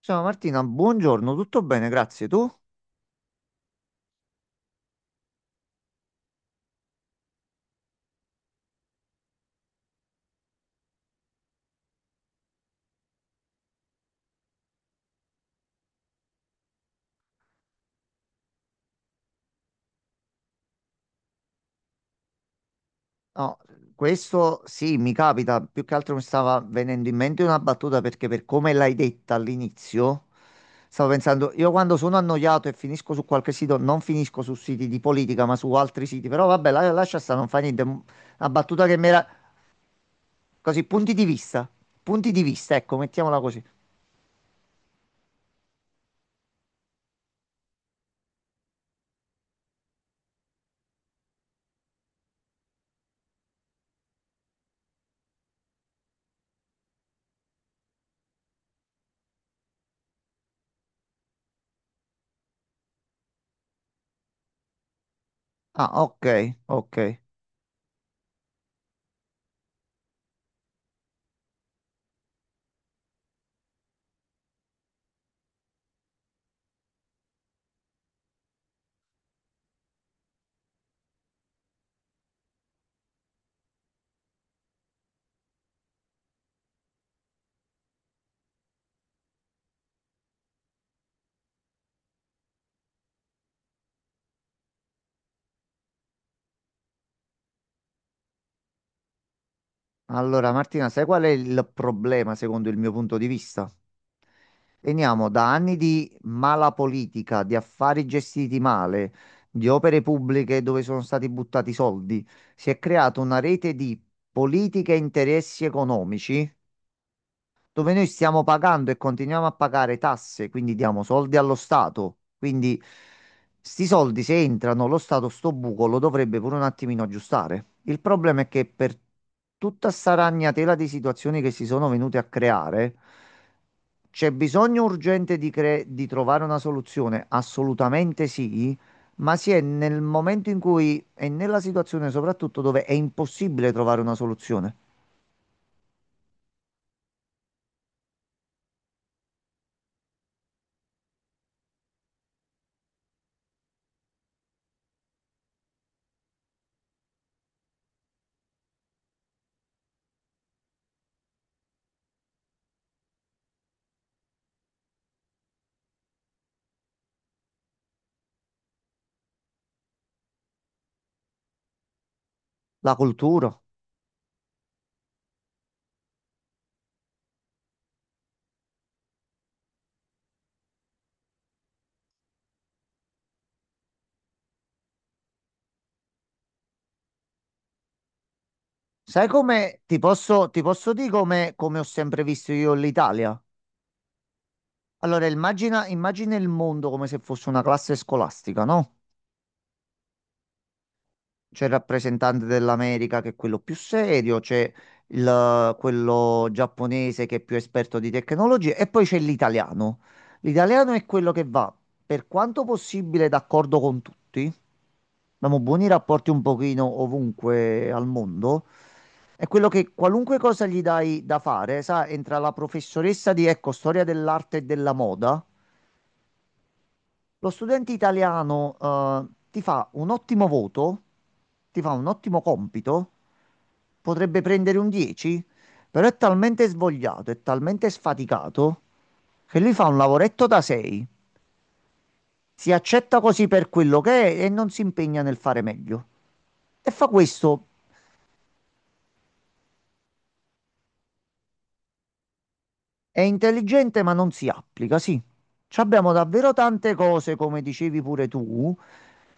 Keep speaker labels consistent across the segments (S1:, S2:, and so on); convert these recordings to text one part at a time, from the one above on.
S1: Ciao Martina, buongiorno, tutto bene, grazie. Tu? No, questo sì, mi capita, più che altro mi stava venendo in mente una battuta perché per come l'hai detta all'inizio, stavo pensando, io quando sono annoiato e finisco su qualche sito, non finisco su siti di politica, ma su altri siti, però vabbè, lascia stare, non fa niente. Una battuta che mi era così, punti di vista, ecco, mettiamola così. Ah, ok, ok. Allora, Martina, sai qual è il problema secondo il mio punto di vista? Veniamo da anni di mala politica, di affari gestiti male, di opere pubbliche dove sono stati buttati soldi. Si è creata una rete di politiche e interessi economici dove noi stiamo pagando e continuiamo a pagare tasse, quindi diamo soldi allo Stato. Quindi sti soldi se entrano, lo Stato sto buco lo dovrebbe pure un attimino aggiustare. Il problema è che per tutta sta ragnatela di situazioni che si sono venute a creare, c'è bisogno urgente di trovare una soluzione? Assolutamente sì, ma si è nel momento in cui è nella situazione soprattutto dove è impossibile trovare una soluzione. La cultura. Sai come ti posso dire come ho sempre visto io l'Italia? Allora, immagina, immagina il mondo come se fosse una classe scolastica, no? C'è il rappresentante dell'America che è quello più serio, c'è quello giapponese che è più esperto di tecnologie e poi c'è l'italiano. L'italiano è quello che va, per quanto possibile, d'accordo con tutti. Abbiamo buoni rapporti un pochino ovunque al mondo. È quello che qualunque cosa gli dai da fare, sa, entra la professoressa di, ecco, storia dell'arte e della moda. Lo studente italiano, ti fa un ottimo voto, ti fa un ottimo compito, potrebbe prendere un 10, però è talmente svogliato, è talmente sfaticato che lui fa un lavoretto da 6, si accetta così per quello che è e non si impegna nel fare meglio. E fa questo. È intelligente ma non si applica, sì. Ci abbiamo davvero tante cose, come dicevi pure tu,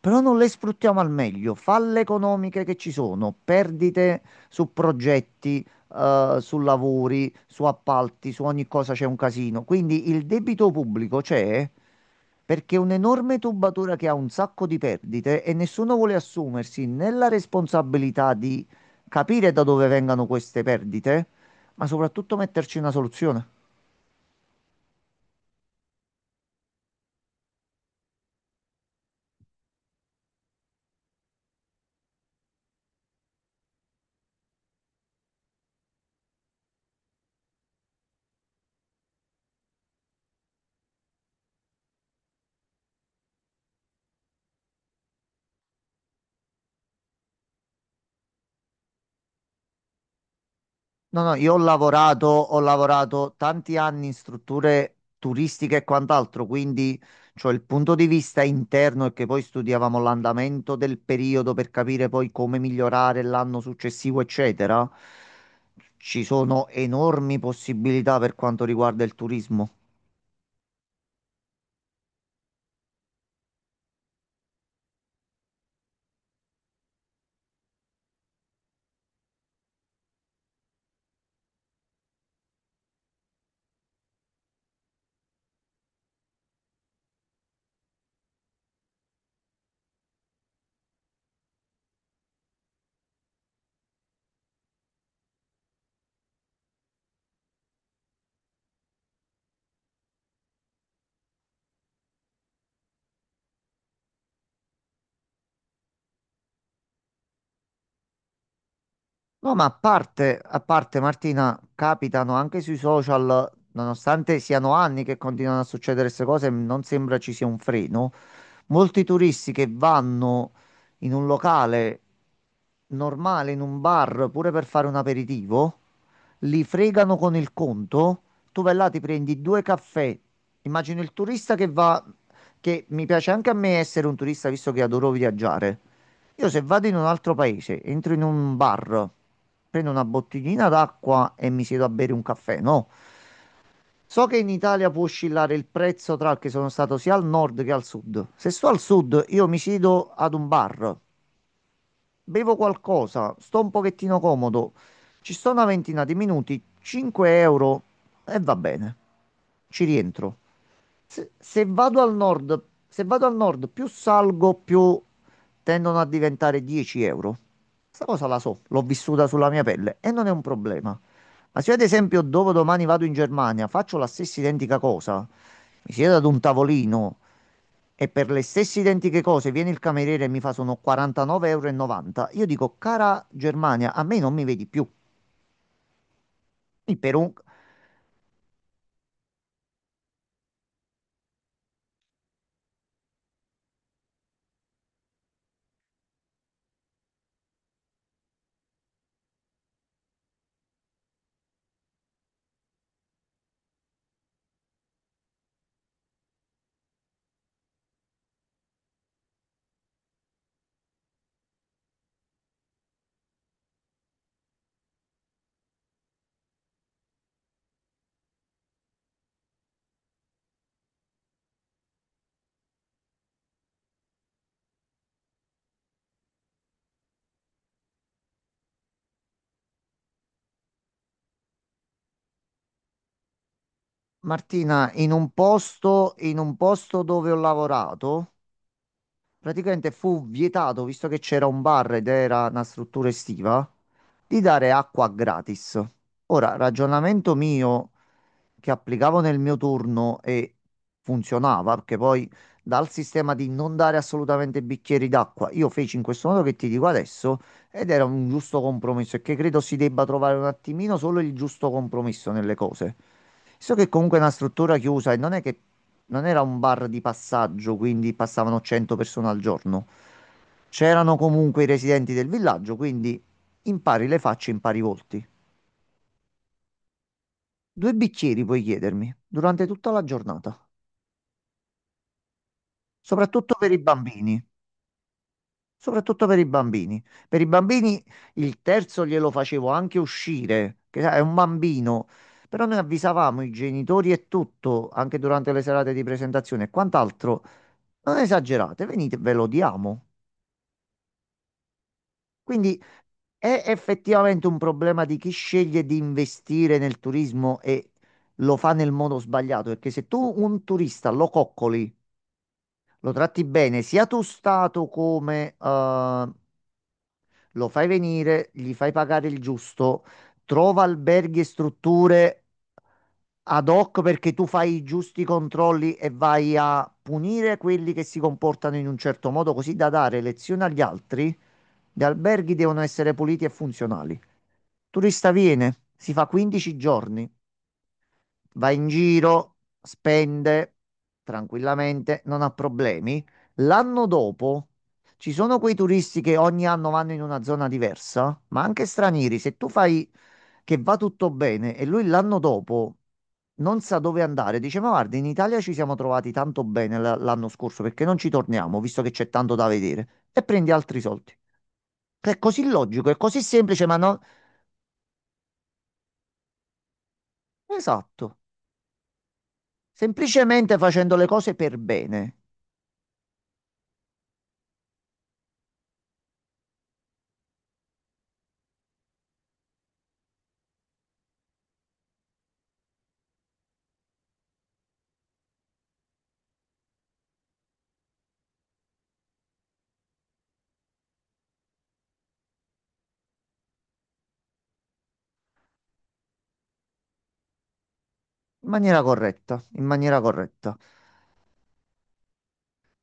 S1: però non le sfruttiamo al meglio. Falle economiche che ci sono, perdite su progetti, su lavori, su appalti, su ogni cosa c'è un casino. Quindi il debito pubblico c'è perché è un'enorme tubatura che ha un sacco di perdite e nessuno vuole assumersi né la responsabilità di capire da dove vengano queste perdite, ma soprattutto metterci una soluzione. No, no, io ho lavorato tanti anni in strutture turistiche e quant'altro, quindi cioè, il punto di vista interno è che poi studiavamo l'andamento del periodo per capire poi come migliorare l'anno successivo, eccetera. Ci sono enormi possibilità per quanto riguarda il turismo. No, ma a parte Martina, capitano anche sui social, nonostante siano anni che continuano a succedere queste cose, non sembra ci sia un freno. Molti turisti che vanno in un locale normale, in un bar, pure per fare un aperitivo, li fregano con il conto. Tu vai là, ti prendi due caffè. Immagino il turista che va, che mi piace anche a me essere un turista, visto che adoro viaggiare. Io se vado in un altro paese, entro in un bar, prendo una bottiglina d'acqua e mi siedo a bere un caffè, no? So che in Italia può oscillare il prezzo tra che sono stato sia al nord che al sud. Se sto al sud, io mi siedo ad un bar, bevo qualcosa, sto un pochettino comodo, ci sto una ventina di minuti, 5 € e va bene. Ci rientro. Se vado al nord, più salgo, più tendono a diventare 10 euro. Questa cosa la so, l'ho vissuta sulla mia pelle e non è un problema. Ma se io, ad esempio, dopodomani vado in Germania, faccio la stessa identica cosa, mi siedo ad un tavolino e per le stesse identiche cose viene il cameriere e mi fa sono 49,90 euro, e novanta, io dico, cara Germania, a me non mi vedi più. Quindi per un... Martina, in un posto dove ho lavorato, praticamente fu vietato, visto che c'era un bar ed era una struttura estiva, di dare acqua gratis. Ora, ragionamento mio che applicavo nel mio turno e funzionava, perché poi dal sistema di non dare assolutamente bicchieri d'acqua, io feci in questo modo che ti dico adesso ed era un giusto compromesso e che credo si debba trovare un attimino solo il giusto compromesso nelle cose. So che comunque è una struttura chiusa e non è che non era un bar di passaggio, quindi passavano 100 persone al giorno. C'erano comunque i residenti del villaggio, quindi impari le facce, impari i volti. Due bicchieri puoi chiedermi durante tutta la giornata. Soprattutto per i bambini, soprattutto per i bambini. Per i bambini il terzo glielo facevo anche uscire, che sai, è un bambino, però noi avvisavamo i genitori e tutto, anche durante le serate di presentazione e quant'altro. Non esagerate, venite, ve lo diamo. Quindi è effettivamente un problema di chi sceglie di investire nel turismo e lo fa nel modo sbagliato, perché se tu un turista lo coccoli, lo tratti bene, sia tu stato come lo fai venire, gli fai pagare il giusto, trova alberghi e strutture ad hoc perché tu fai i giusti controlli e vai a punire quelli che si comportano in un certo modo, così da dare lezione agli altri. Gli alberghi devono essere puliti e funzionali. Turista viene, si fa 15 giorni, va in giro, spende tranquillamente, non ha problemi. L'anno dopo ci sono quei turisti che ogni anno vanno in una zona diversa, ma anche stranieri. Se tu fai che va tutto bene e lui l'anno dopo non sa dove andare, dice: Ma guarda, in Italia ci siamo trovati tanto bene l'anno scorso, perché non ci torniamo, visto che c'è tanto da vedere, e prendi altri soldi. Che è così logico, è così semplice, ma no. Esatto. Semplicemente facendo le cose per bene. In maniera corretta, in maniera corretta.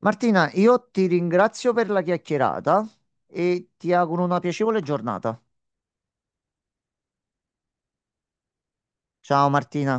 S1: Martina, io ti ringrazio per la chiacchierata e ti auguro una piacevole giornata. Ciao Martina.